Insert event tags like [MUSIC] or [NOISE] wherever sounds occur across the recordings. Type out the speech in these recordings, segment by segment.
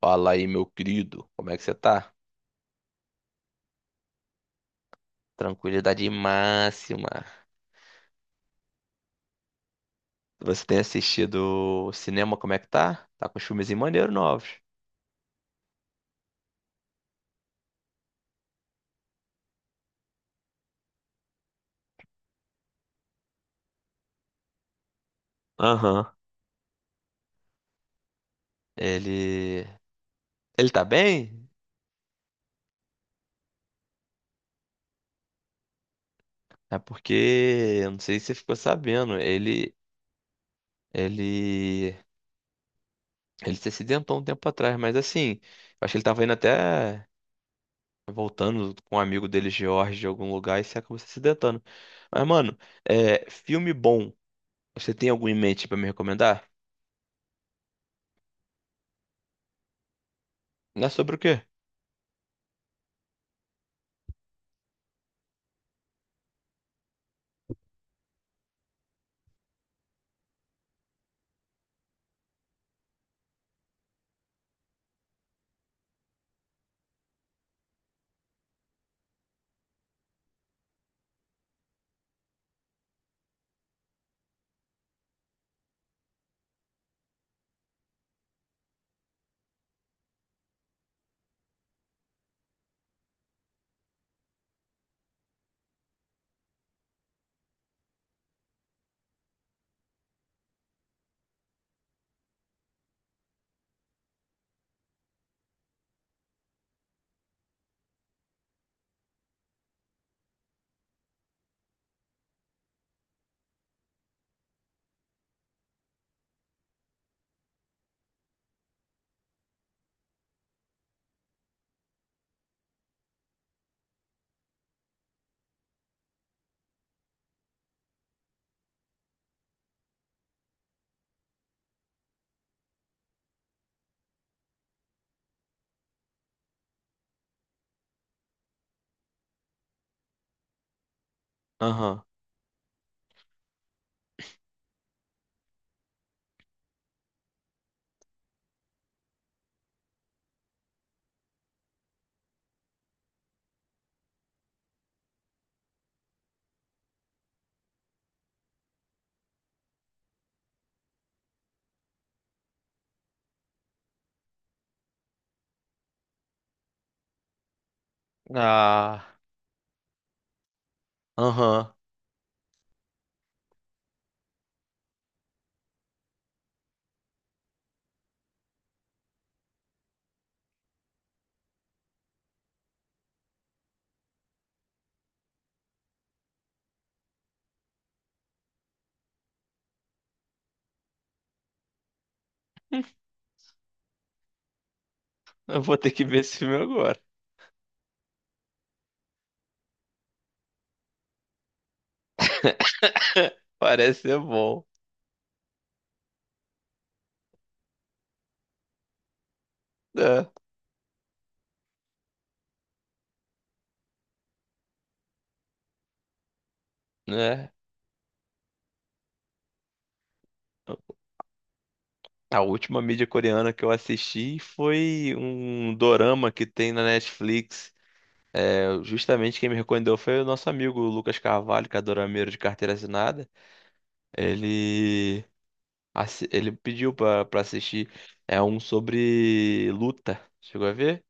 Fala aí, meu querido, como é que você tá? Tranquilidade máxima. Você tem assistido cinema, como é que tá? Tá com os filmes maneiros novos. Aham. Ele. Ele tá bem? É porque. Eu não sei se você ficou sabendo. Ele. Ele se acidentou um tempo atrás, mas assim. Eu acho que ele tava indo até. Voltando com um amigo dele, George, de algum lugar, e se acabou se acidentando. Mas, mano, filme bom. Você tem algum em mente pra me recomendar? Não é sobre o quê? Aham. Ah, aham. [LAUGHS] Eu vou ter que ver esse filme agora. [LAUGHS] Parece ser bom. É, né? A última mídia coreana que eu assisti foi um dorama que tem na Netflix. É, justamente quem me recomendou foi o nosso amigo Lucas Carvalho, que é dorameiro de carteira assinada. Ele, ele pediu pra assistir. É um sobre luta. Chegou a ver?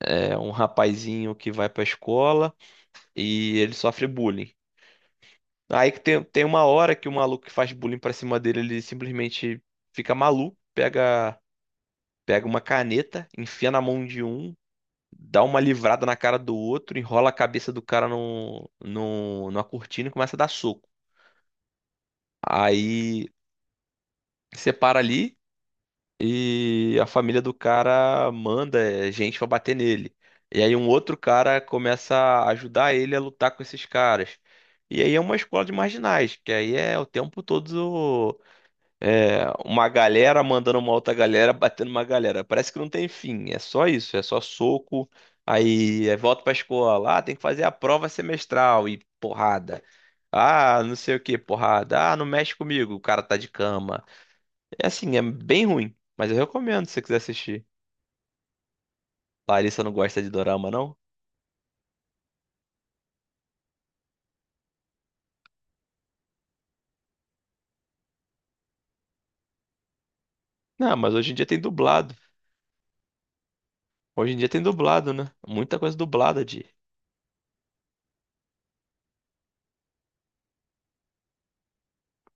É um rapazinho que vai pra escola e ele sofre bullying. Aí que tem uma hora que o maluco que faz bullying pra cima dele, ele simplesmente fica maluco, pega, pega uma caneta, enfia na mão de um, dá uma livrada na cara do outro, enrola a cabeça do cara no no numa cortina e começa a dar soco. Aí separa ali e a família do cara manda é, gente pra bater nele. E aí um outro cara começa a ajudar ele a lutar com esses caras. E aí é uma escola de marginais, que aí é o tempo todo. É, uma galera mandando uma outra galera, batendo uma galera. Parece que não tem fim, é só isso, é só soco. Aí é volta pra escola, ah, tem que fazer a prova semestral e porrada. Ah, não sei o que, porrada. Ah, não mexe comigo, o cara tá de cama. É assim, é bem ruim, mas eu recomendo se você quiser assistir. Larissa não gosta de dorama, não? Não, mas hoje em dia tem dublado. Hoje em dia tem dublado, né? Muita coisa dublada de.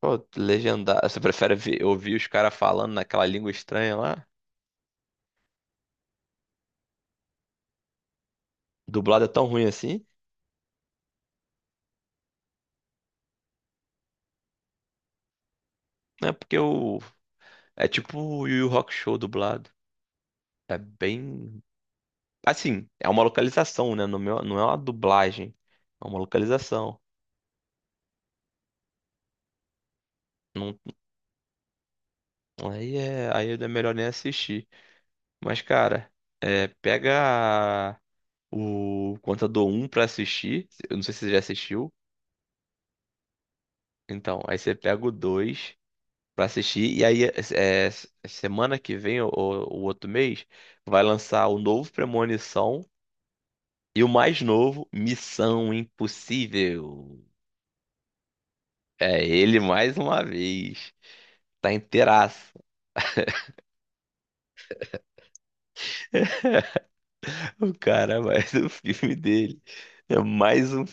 Pô, legendar. Você prefere ouvir os caras falando naquela língua estranha lá? Dublado é tão ruim assim, né? Porque o. É tipo o Yu Yu Show dublado. É bem. Assim, é uma localização, né? Não é uma dublagem. É uma localização. Não- aí é melhor nem assistir. Mas, cara, pega o Contador um pra assistir. Eu não sei se você já assistiu. Então, aí você pega o 2 pra assistir. E aí, é, semana que vem, ou o outro mês, vai lançar o novo Premonição. E o mais novo, Missão Impossível. É ele mais uma vez. Tá inteiraço. [LAUGHS] O cara vai do filme dele. É mais um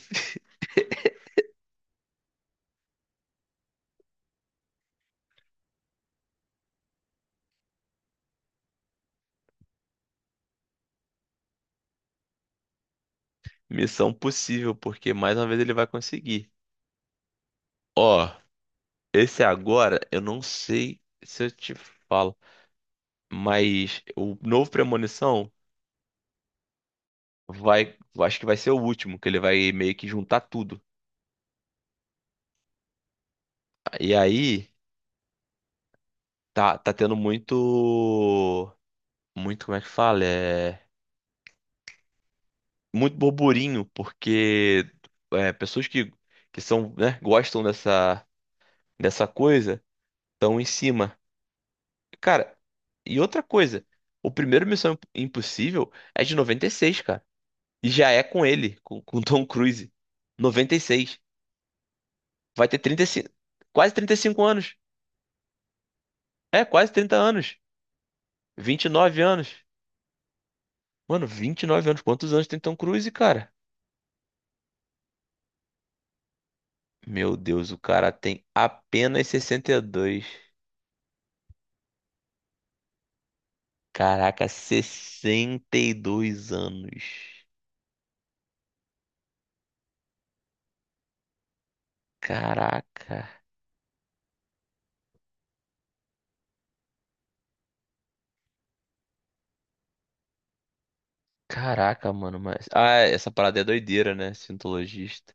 Missão Possível, porque mais uma vez ele vai conseguir. Ó, esse agora, eu não sei se eu te falo, mas o novo Premonição vai, eu acho que vai ser o último, que ele vai meio que juntar tudo. E aí, tá tendo como é que fala? É, muito burburinho, porque pessoas que são, né, gostam dessa coisa estão em cima. Cara, e outra coisa, o primeiro Missão Impossível é de 96, cara. E já é com ele, com Tom Cruise. 96. Vai ter 35, quase 35 anos. É, quase 30 anos. 29 anos. Mano, 29 anos. Quantos anos tem Tom Cruise, cara? Meu Deus, o cara tem apenas 62. Caraca, 62 anos. Caraca. Caraca, mano, mas. Ah, é, essa parada é doideira, né? Cientologista.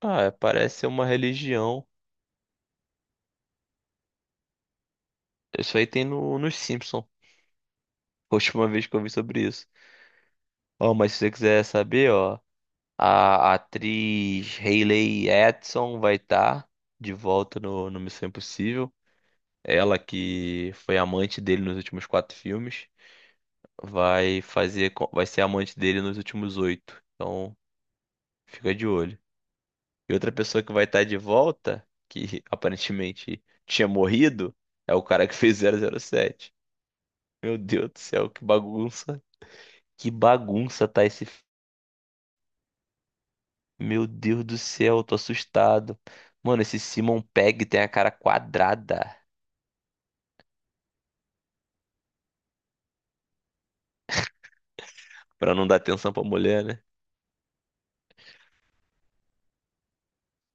Ah, é, parece ser uma religião. Isso aí tem no, nos Simpsons. A última vez que eu vi sobre isso. Ó, mas se você quiser saber, ó, a atriz Hayley Atwell vai estar de volta no Missão Impossível. Ela que foi amante dele nos últimos 4 filmes. Vai ser amante dele nos últimos 8. Então, fica de olho. E outra pessoa que vai estar de volta, que [LAUGHS] aparentemente tinha morrido, é o cara que fez 007. Meu Deus do céu, que bagunça. Que bagunça tá esse. Meu Deus do céu, tô assustado. Mano, esse Simon Pegg tem a cara quadrada. Pra não dar atenção pra mulher, né?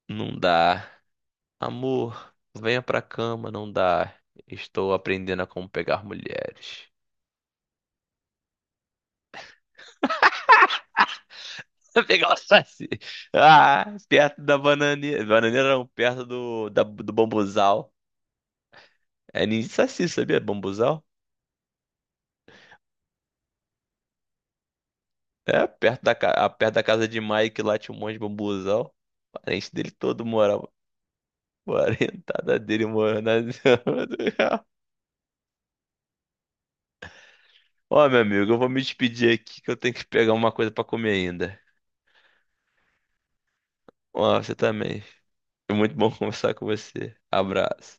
Não dá. Amor, venha pra cama, não dá. Estou aprendendo a como pegar mulheres. [LAUGHS] Pegar o saci. Ah, perto da bananeira. Bananeira não, perto do bambuzal. É ninho de saci, sabia? Bambuzal? É, perto da casa de Mike lá tinha um monte de bambuzal. Parente dele todo morava. Parentada dele morando na Zona do Real. Ó, meu amigo, eu vou me despedir aqui que eu tenho que pegar uma coisa pra comer ainda. Ó, você também. Foi muito bom [LAUGHS] conversar com você. Abraço.